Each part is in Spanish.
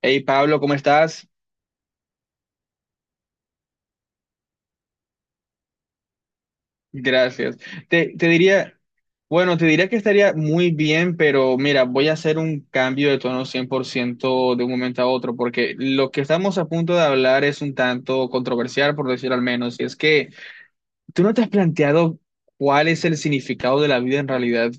Hey Pablo, ¿cómo estás? Gracias. Te diría, bueno, te diría que estaría muy bien, pero mira, voy a hacer un cambio de tono 100% de un momento a otro, porque lo que estamos a punto de hablar es un tanto controversial, por decir al menos, y es que tú no te has planteado cuál es el significado de la vida en realidad.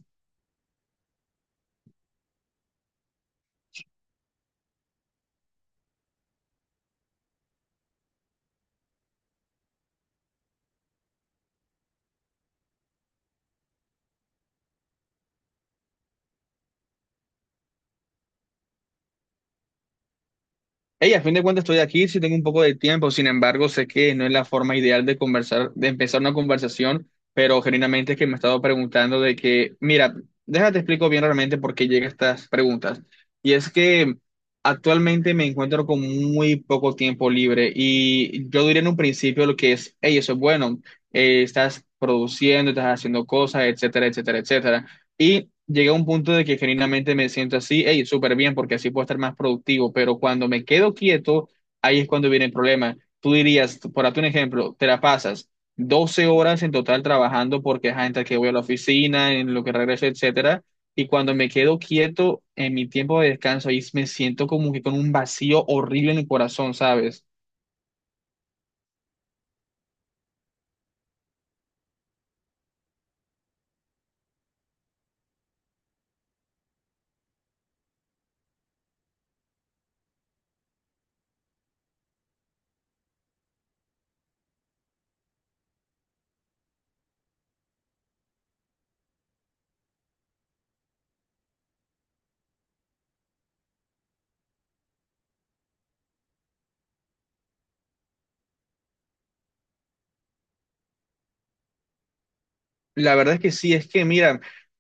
Hey, a fin de cuentas estoy aquí, sí tengo un poco de tiempo, sin embargo, sé que no es la forma ideal de conversar, de empezar una conversación, pero genuinamente es que me he estado preguntando de que, mira, déjate explico bien realmente por qué llegan estas preguntas. Y es que actualmente me encuentro con muy poco tiempo libre y yo diría en un principio lo que es, hey, eso es bueno, estás produciendo, estás haciendo cosas, etcétera, etcétera, etcétera. Y llegué a un punto de que genuinamente me siento así, hey, súper bien, porque así puedo estar más productivo, pero cuando me quedo quieto, ahí es cuando viene el problema. Tú dirías, por darte un ejemplo, te la pasas 12 horas en total trabajando porque es entre que voy a la oficina, en lo que regreso, etcétera, y cuando me quedo quieto en mi tiempo de descanso, ahí me siento como que con un vacío horrible en el corazón, ¿sabes? La verdad es que sí, es que mira,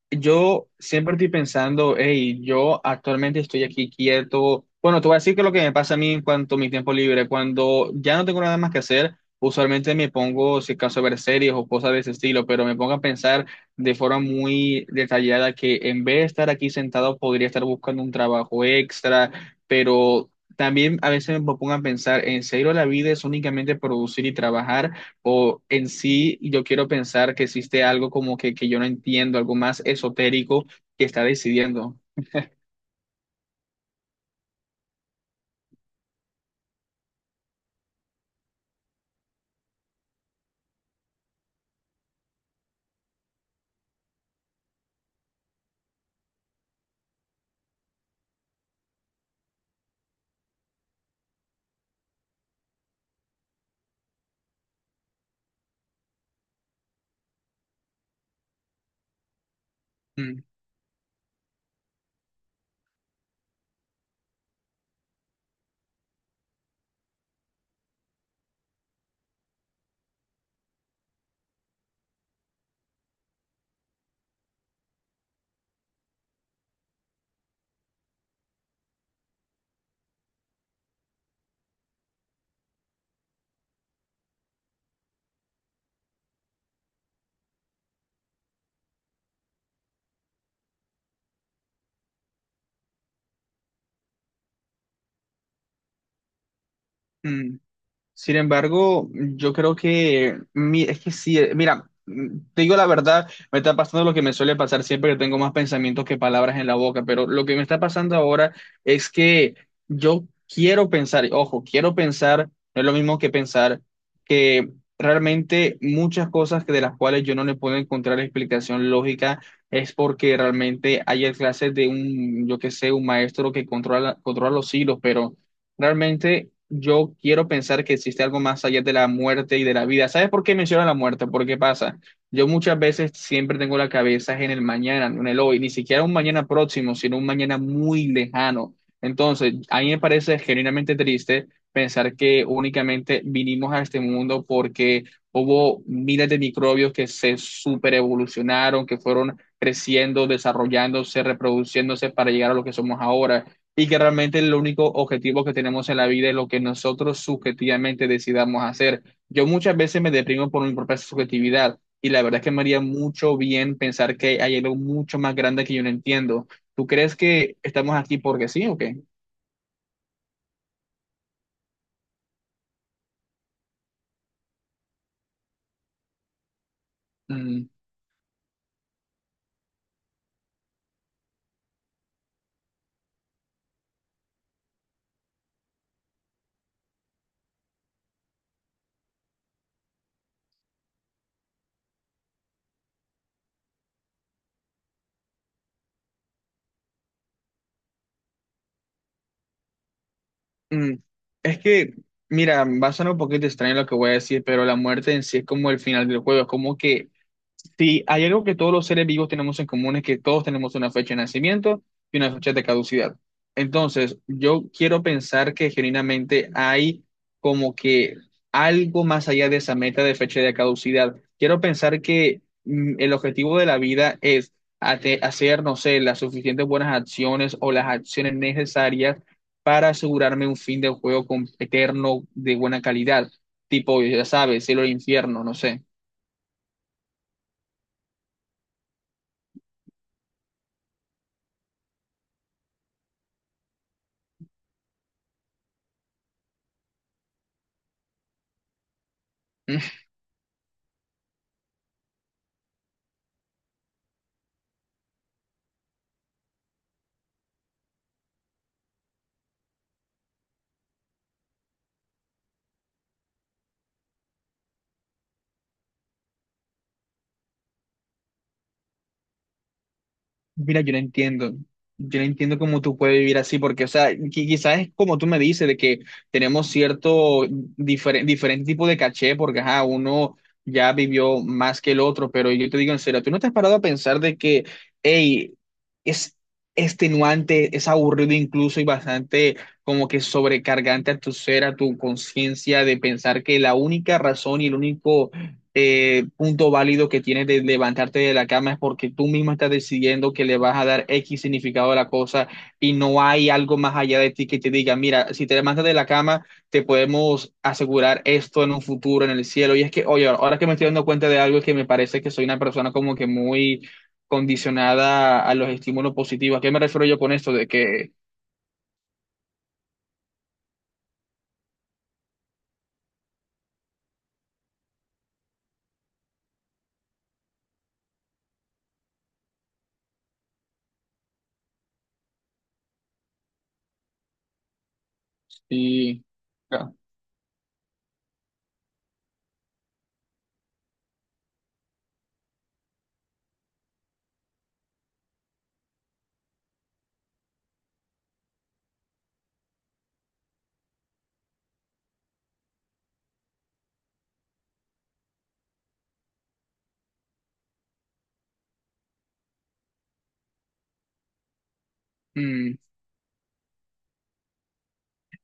yo siempre estoy pensando, hey, yo actualmente estoy aquí quieto. Bueno, te voy a decir que lo que me pasa a mí en cuanto a mi tiempo libre, cuando ya no tengo nada más que hacer, usualmente me pongo, si acaso, a ver series o cosas de ese estilo, pero me pongo a pensar de forma muy detallada que en vez de estar aquí sentado, podría estar buscando un trabajo extra, pero también a veces me pongo a pensar, ¿en serio la vida es únicamente producir y trabajar? O en sí yo quiero pensar que existe algo como que yo no entiendo, algo más esotérico que está decidiendo. Mm, mm. Sin embargo, yo creo que, es que sí, mira, te digo la verdad, me está pasando lo que me suele pasar siempre que tengo más pensamientos que palabras en la boca, pero lo que me está pasando ahora es que yo quiero pensar, y ojo, quiero pensar, no es lo mismo que pensar, que realmente muchas cosas que de las cuales yo no le puedo encontrar explicación lógica es porque realmente hay clases de un, yo qué sé, un maestro que controla los hilos, pero... Realmente yo quiero pensar que existe algo más allá de la muerte y de la vida. ¿Sabes por qué menciono la muerte? ¿Por qué pasa? Yo muchas veces siempre tengo la cabeza en el mañana, no en el hoy, ni siquiera un mañana próximo, sino un mañana muy lejano. Entonces, a mí me parece genuinamente triste pensar que únicamente vinimos a este mundo porque hubo miles de microbios que se superevolucionaron, que fueron creciendo, desarrollándose, reproduciéndose para llegar a lo que somos ahora y que realmente el único objetivo que tenemos en la vida es lo que nosotros subjetivamente decidamos hacer. Yo muchas veces me deprimo por mi propia subjetividad y la verdad es que me haría mucho bien pensar que hay algo mucho más grande que yo no entiendo. ¿Tú crees que estamos aquí porque sí o qué? Mm, mm. Es que, mira, va a sonar un poquito extraño lo que voy a decir, pero la muerte en sí es como el final del juego, es como que sí, hay algo que todos los seres vivos tenemos en común, es que todos tenemos una fecha de nacimiento y una fecha de caducidad. Entonces, yo quiero pensar que genuinamente hay como que algo más allá de esa meta de fecha de caducidad. Quiero pensar que el objetivo de la vida es hacer, no sé, las suficientes buenas acciones o las acciones necesarias para asegurarme un fin de juego eterno de buena calidad. Tipo, ya sabes, cielo e infierno, no sé. Mira, yo no entiendo. Yo no entiendo cómo tú puedes vivir así, porque, o sea, quizás es como tú me dices, de que tenemos cierto diferente tipo de caché, porque, ajá, uno ya vivió más que el otro, pero yo te digo en serio, ¿tú no te has parado a pensar de que, hey, es extenuante, es aburrido incluso y bastante como que sobrecargante a tu ser, a tu conciencia, de pensar que la única razón y el único punto válido que tienes de levantarte de la cama es porque tú mismo estás decidiendo que le vas a dar X significado a la cosa y no hay algo más allá de ti que te diga, mira, si te levantas de la cama, te podemos asegurar esto en un futuro, en el cielo. Y es que, oye, ahora que me estoy dando cuenta de algo es que me parece que soy una persona como que muy condicionada a los estímulos positivos. ¿A qué me refiero yo con esto? De que... Y, no, mm,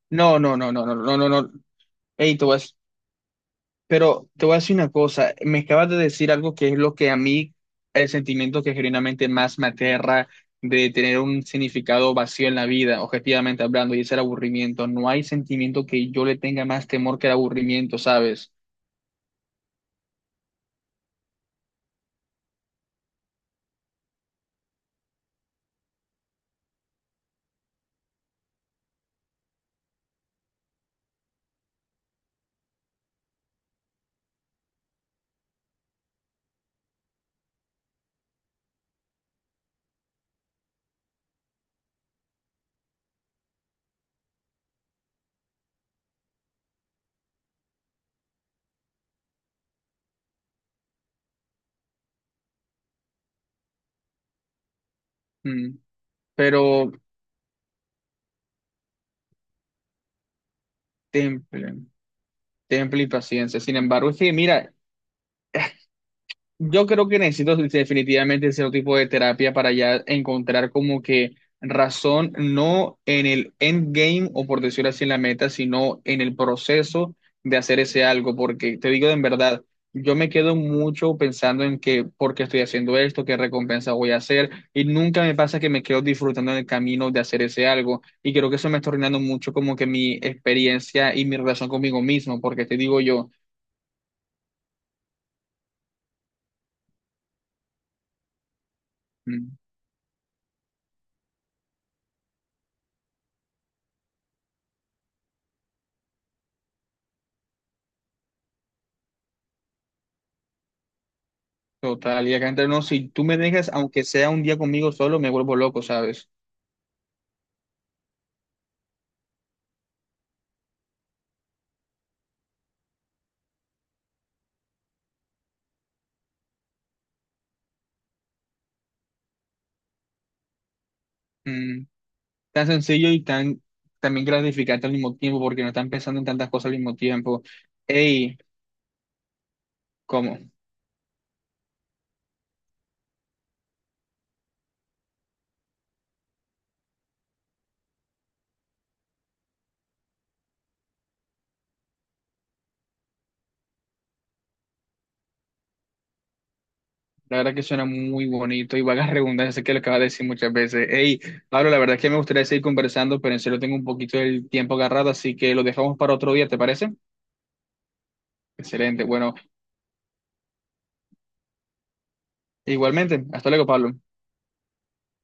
no, no, no, no, no, no, no. No. Ey, pero te voy a decir una cosa, me acabas de decir algo que es lo que a mí, el sentimiento que genuinamente más me aterra de tener un significado vacío en la vida, objetivamente hablando, y es el aburrimiento. No hay sentimiento que yo le tenga más temor que el aburrimiento, ¿sabes? Mm. Pero temple, temple y paciencia. Sin embargo, es que mira, yo creo que necesito definitivamente cierto tipo de terapia para ya encontrar como que razón, no en el endgame o por decirlo así en la meta, sino en el proceso de hacer ese algo, porque te digo en verdad, yo me quedo mucho pensando en que por qué estoy haciendo esto, qué recompensa voy a hacer, y nunca me pasa que me quedo disfrutando en el camino de hacer ese algo, y creo que eso me está arruinando mucho como que mi experiencia y mi relación conmigo mismo, porque te digo yo. Mm. Total, y acá entre nos, si tú me dejas, aunque sea un día conmigo solo, me vuelvo loco, ¿sabes? Mm, tan sencillo y tan también gratificante al mismo tiempo, porque no están pensando en tantas cosas al mismo tiempo. Ey, ¿cómo? La verdad que suena muy bonito y vagas redundancias sé que lo acabas de decir muchas veces. Ey, Pablo, la verdad es que me gustaría seguir conversando, pero en serio tengo un poquito del tiempo agarrado, así que lo dejamos para otro día, ¿te parece? Excelente, bueno, igualmente, hasta luego, Pablo.